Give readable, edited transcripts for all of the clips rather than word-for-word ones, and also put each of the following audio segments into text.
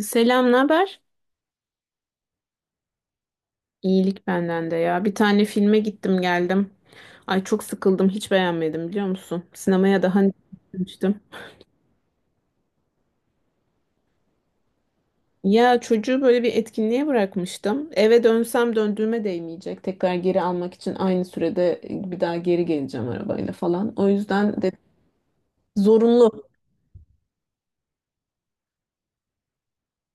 Selam, ne haber? İyilik benden de ya. Bir tane filme gittim geldim. Ay çok sıkıldım, hiç beğenmedim biliyor musun? Sinemaya daha önce gitmiştim. Ya çocuğu böyle bir etkinliğe bırakmıştım. Eve dönsem döndüğüme değmeyecek. Tekrar geri almak için aynı sürede bir daha geri geleceğim arabayla falan. O yüzden de zorunlu.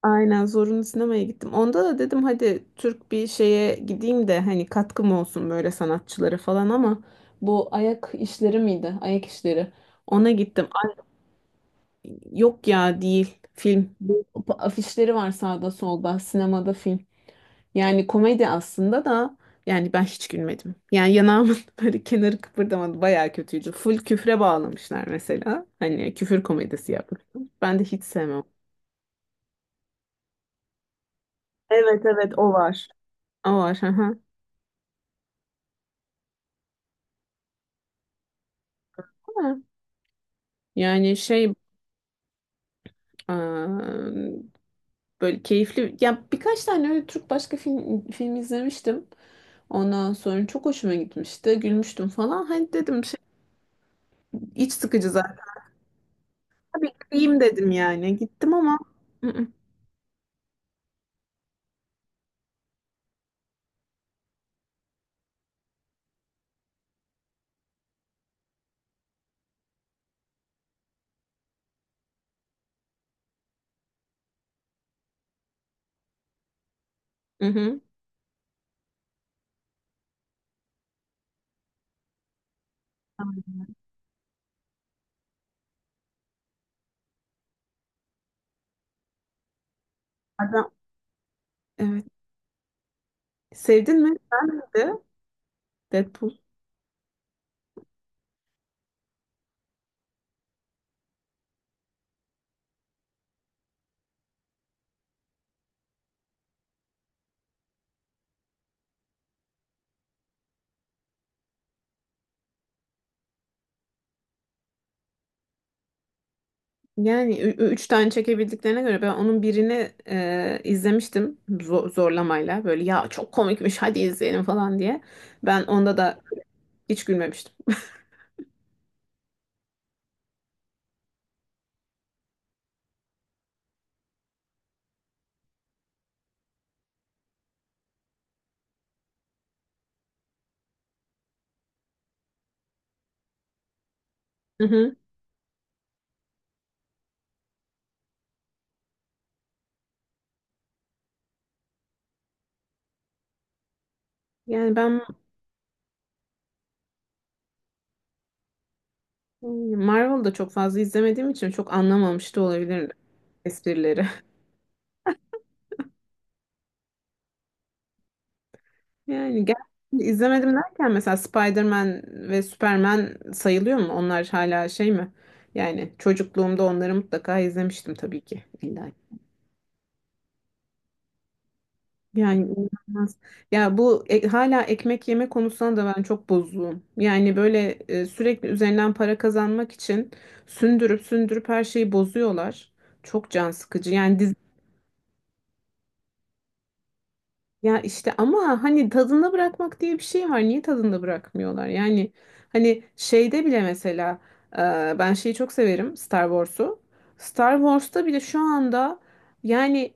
Aynen zorunlu sinemaya gittim. Onda da dedim hadi Türk bir şeye gideyim de hani katkım olsun böyle sanatçılara falan ama bu ayak işleri miydi? Ayak işleri. Ona gittim. Ay, yok ya değil film. Bu afişleri var sağda solda sinemada film. Yani komedi aslında da yani ben hiç gülmedim. Yani yanağımın böyle kenarı kıpırdamadı. Bayağı kötüydü. Full küfre bağlamışlar mesela. Hani küfür komedisi yapmışlar. Ben de hiç sevmem. Evet, evet, o var. O var. Hı hı. Yani şey eee, böyle keyifli ya birkaç tane öyle Türk başka film izlemiştim. Ondan sonra çok hoşuma gitmişti. Gülmüştüm falan. Hani dedim şey, iç sıkıcı zaten. Bir gideyim dedim yani. Gittim ama. Hı hı. Hı hı. Adam, evet. Sevdin mi? Ben de Deadpool. Yani üç tane çekebildiklerine göre ben onun birini izlemiştim zorlamayla böyle ya çok komikmiş hadi izleyelim falan diye. Ben onda da hiç gülmemiştim. Hı hı. Yani ben. Hmm, Marvel'ı da çok fazla izlemediğim için çok anlamamış da olabilirim esprileri. Yani gel izlemedim derken mesela Spider-Man ve Superman sayılıyor mu? Onlar hala şey mi? Yani çocukluğumda onları mutlaka izlemiştim tabii ki. İlla. Yani inanılmaz. Ya bu hala ekmek yeme konusunda da ben çok bozuğum. Yani böyle sürekli üzerinden para kazanmak için sündürüp sündürüp her şeyi bozuyorlar. Çok can sıkıcı. Yani ya işte ama hani tadında bırakmak diye bir şey var. Niye tadında bırakmıyorlar? Yani hani şeyde bile mesela e, ben şeyi çok severim, Star Wars'u. Star Wars'ta bile şu anda yani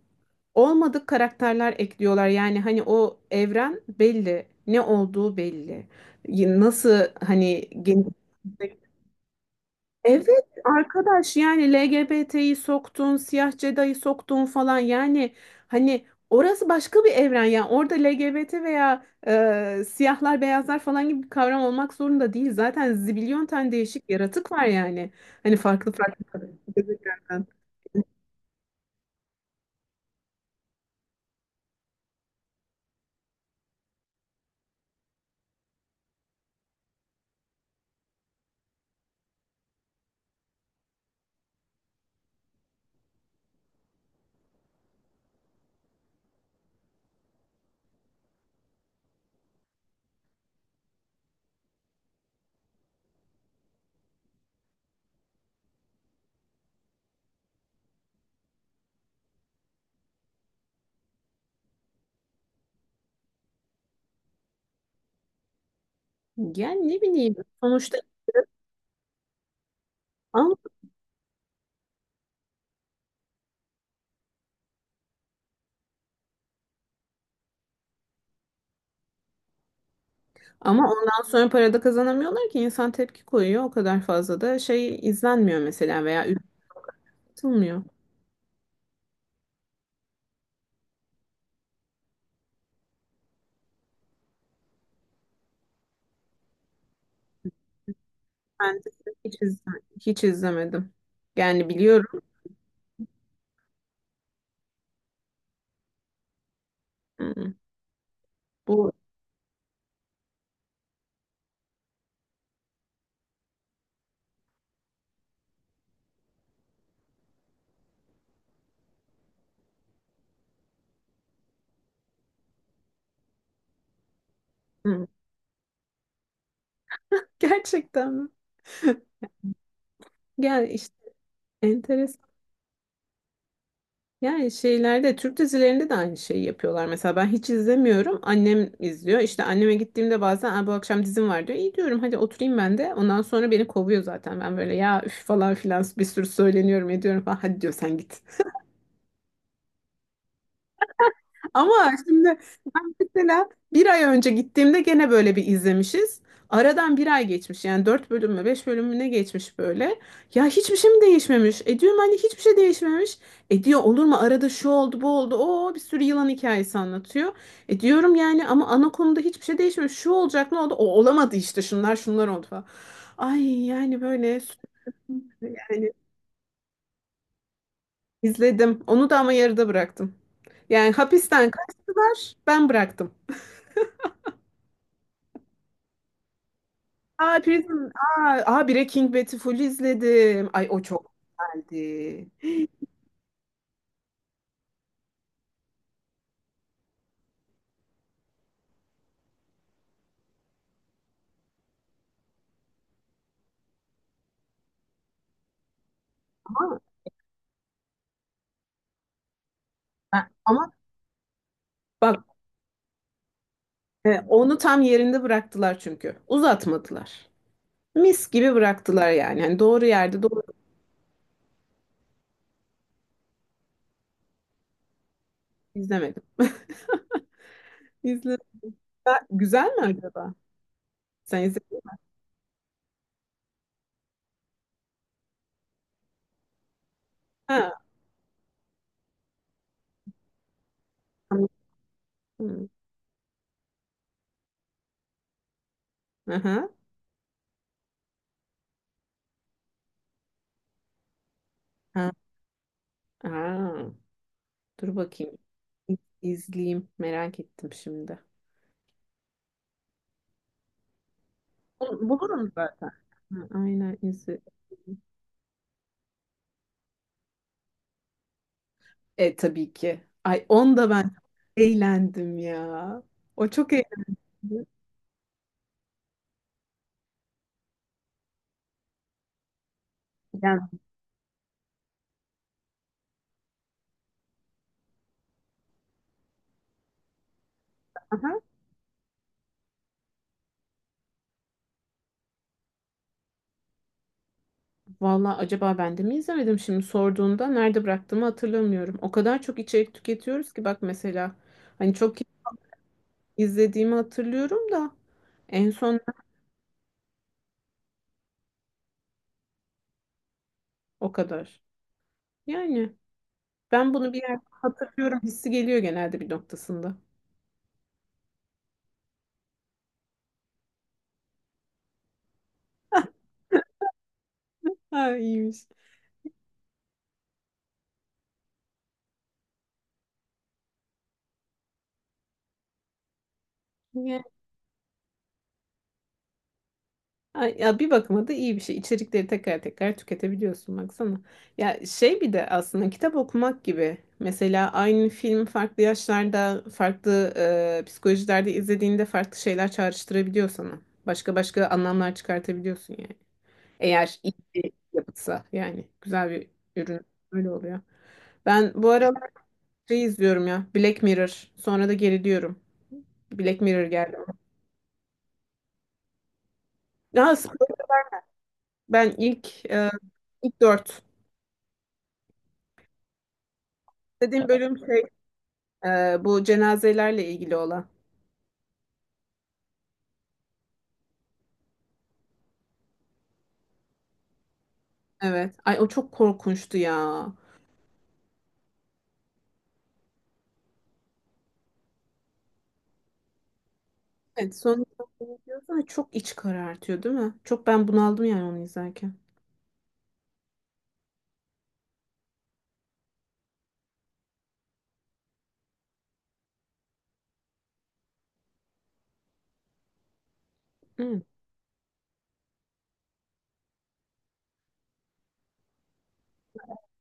olmadık karakterler ekliyorlar. Yani hani o evren belli. Ne olduğu belli. Nasıl hani geniş. Evet arkadaş, yani LGBT'yi soktun, siyah Jedi'yi soktun falan, yani hani orası başka bir evren, yani orada LGBT veya siyahlar beyazlar falan gibi bir kavram olmak zorunda değil. Zaten zibilyon tane değişik yaratık var yani. Hani farklı farklı gezegenlerden. Yani ne bileyim sonuçta ama, ondan sonra para da kazanamıyorlar ki, insan tepki koyuyor, o kadar fazla da şey izlenmiyor mesela veya üretilmiyor. Ben de hiç izlemedim. Hiç izlemedim. Yani biliyorum. Hı, bu hı. Gerçekten mi? Yani işte enteresan. Yani şeylerde, Türk dizilerinde de aynı şeyi yapıyorlar. Mesela ben hiç izlemiyorum. Annem izliyor. İşte anneme gittiğimde bazen "Aa, bu akşam dizim var" diyor. İyi diyorum, hadi oturayım ben de. Ondan sonra beni kovuyor zaten. Ben böyle ya üf falan filan bir sürü söyleniyorum ediyorum falan. Hadi diyor sen git. Ama şimdi mesela bir ay önce gittiğimde gene böyle bir izlemişiz. Aradan bir ay geçmiş, yani dört bölüm mü beş bölüm mü ne geçmiş böyle. Ya hiçbir şey mi değişmemiş? E diyorum, hani hiçbir şey değişmemiş. E diyor, olur mu, arada şu oldu bu oldu. Oo bir sürü yılan hikayesi anlatıyor. E diyorum, yani ama ana konuda hiçbir şey değişmemiş. Şu olacak, ne oldu? O olamadı, işte şunlar şunlar oldu falan. Ay yani böyle sürekli yani. İzledim. Onu da ama yarıda bıraktım. Yani hapisten kaçtılar, ben bıraktım. Aa Prison. Aa, aa, Breaking Bad'i full izledim. Ay o çok güzeldi. Ama, ama bak, onu tam yerinde bıraktılar çünkü. Uzatmadılar. Mis gibi bıraktılar yani. Hani doğru yerde doğru. izlemedim. İzle. Güzel mi acaba? Sen izledin mi? Ha, tamam. Aha. Ha. Aa, dur bakayım. İ- İzleyeyim. Merak ettim şimdi. Bulurum zaten. Ha, aynen izi. E tabii ki. Ay onda ben eğlendim ya. O çok eğlendim. Yani, aha. Valla acaba ben de mi izlemedim, şimdi sorduğunda nerede bıraktığımı hatırlamıyorum. O kadar çok içerik tüketiyoruz ki, bak mesela hani çok izlediğimi hatırlıyorum da en son o kadar. Yani ben bunu bir yerde hatırlıyorum hissi geliyor genelde bir noktasında. Ha iyiymiş. Ay, ya bir bakıma da iyi bir şey. İçerikleri tekrar tekrar tüketebiliyorsun baksana. Ya şey, bir de aslında kitap okumak gibi. Mesela aynı film farklı yaşlarda, farklı psikolojilerde izlediğinde farklı şeyler çağrıştırabiliyor sana. Başka başka anlamlar çıkartabiliyorsun yani. Eğer iyi bir yapıtsa, yani güzel bir ürün, öyle oluyor. Ben bu aralar şey izliyorum ya, Black Mirror. Sonra da geriliyorum. Black Mirror geldi. Ya ben ilk dört. Dediğim bölüm şey. Bu cenazelerle ilgili olan. Evet. Ay o çok korkunçtu ya. Evet, sonuçta bunu diyorsun ama çok iç karartıyor değil mi? Çok ben bunaldım yani onu izlerken. Hı.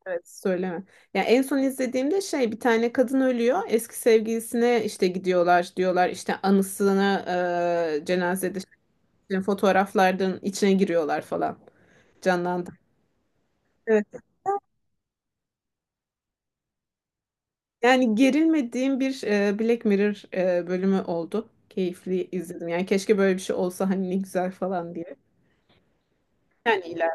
Evet söyleme. Ya en son izlediğimde şey, bir tane kadın ölüyor. Eski sevgilisine işte gidiyorlar diyorlar, işte anısına, cenazede işte fotoğraflardan içine giriyorlar falan. Canlandı. Evet. Yani gerilmediğim bir Black Mirror bölümü oldu. Keyifli izledim. Yani keşke böyle bir şey olsa, hani ne güzel falan diye. Yani iler.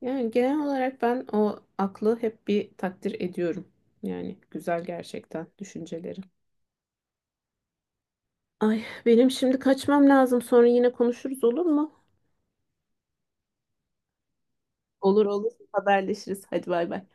Yani genel olarak ben o aklı hep bir takdir ediyorum. Yani güzel gerçekten düşünceleri. Ay benim şimdi kaçmam lazım. Sonra yine konuşuruz, olur mu? Olur, olur. Haberleşiriz. Hadi bay bay.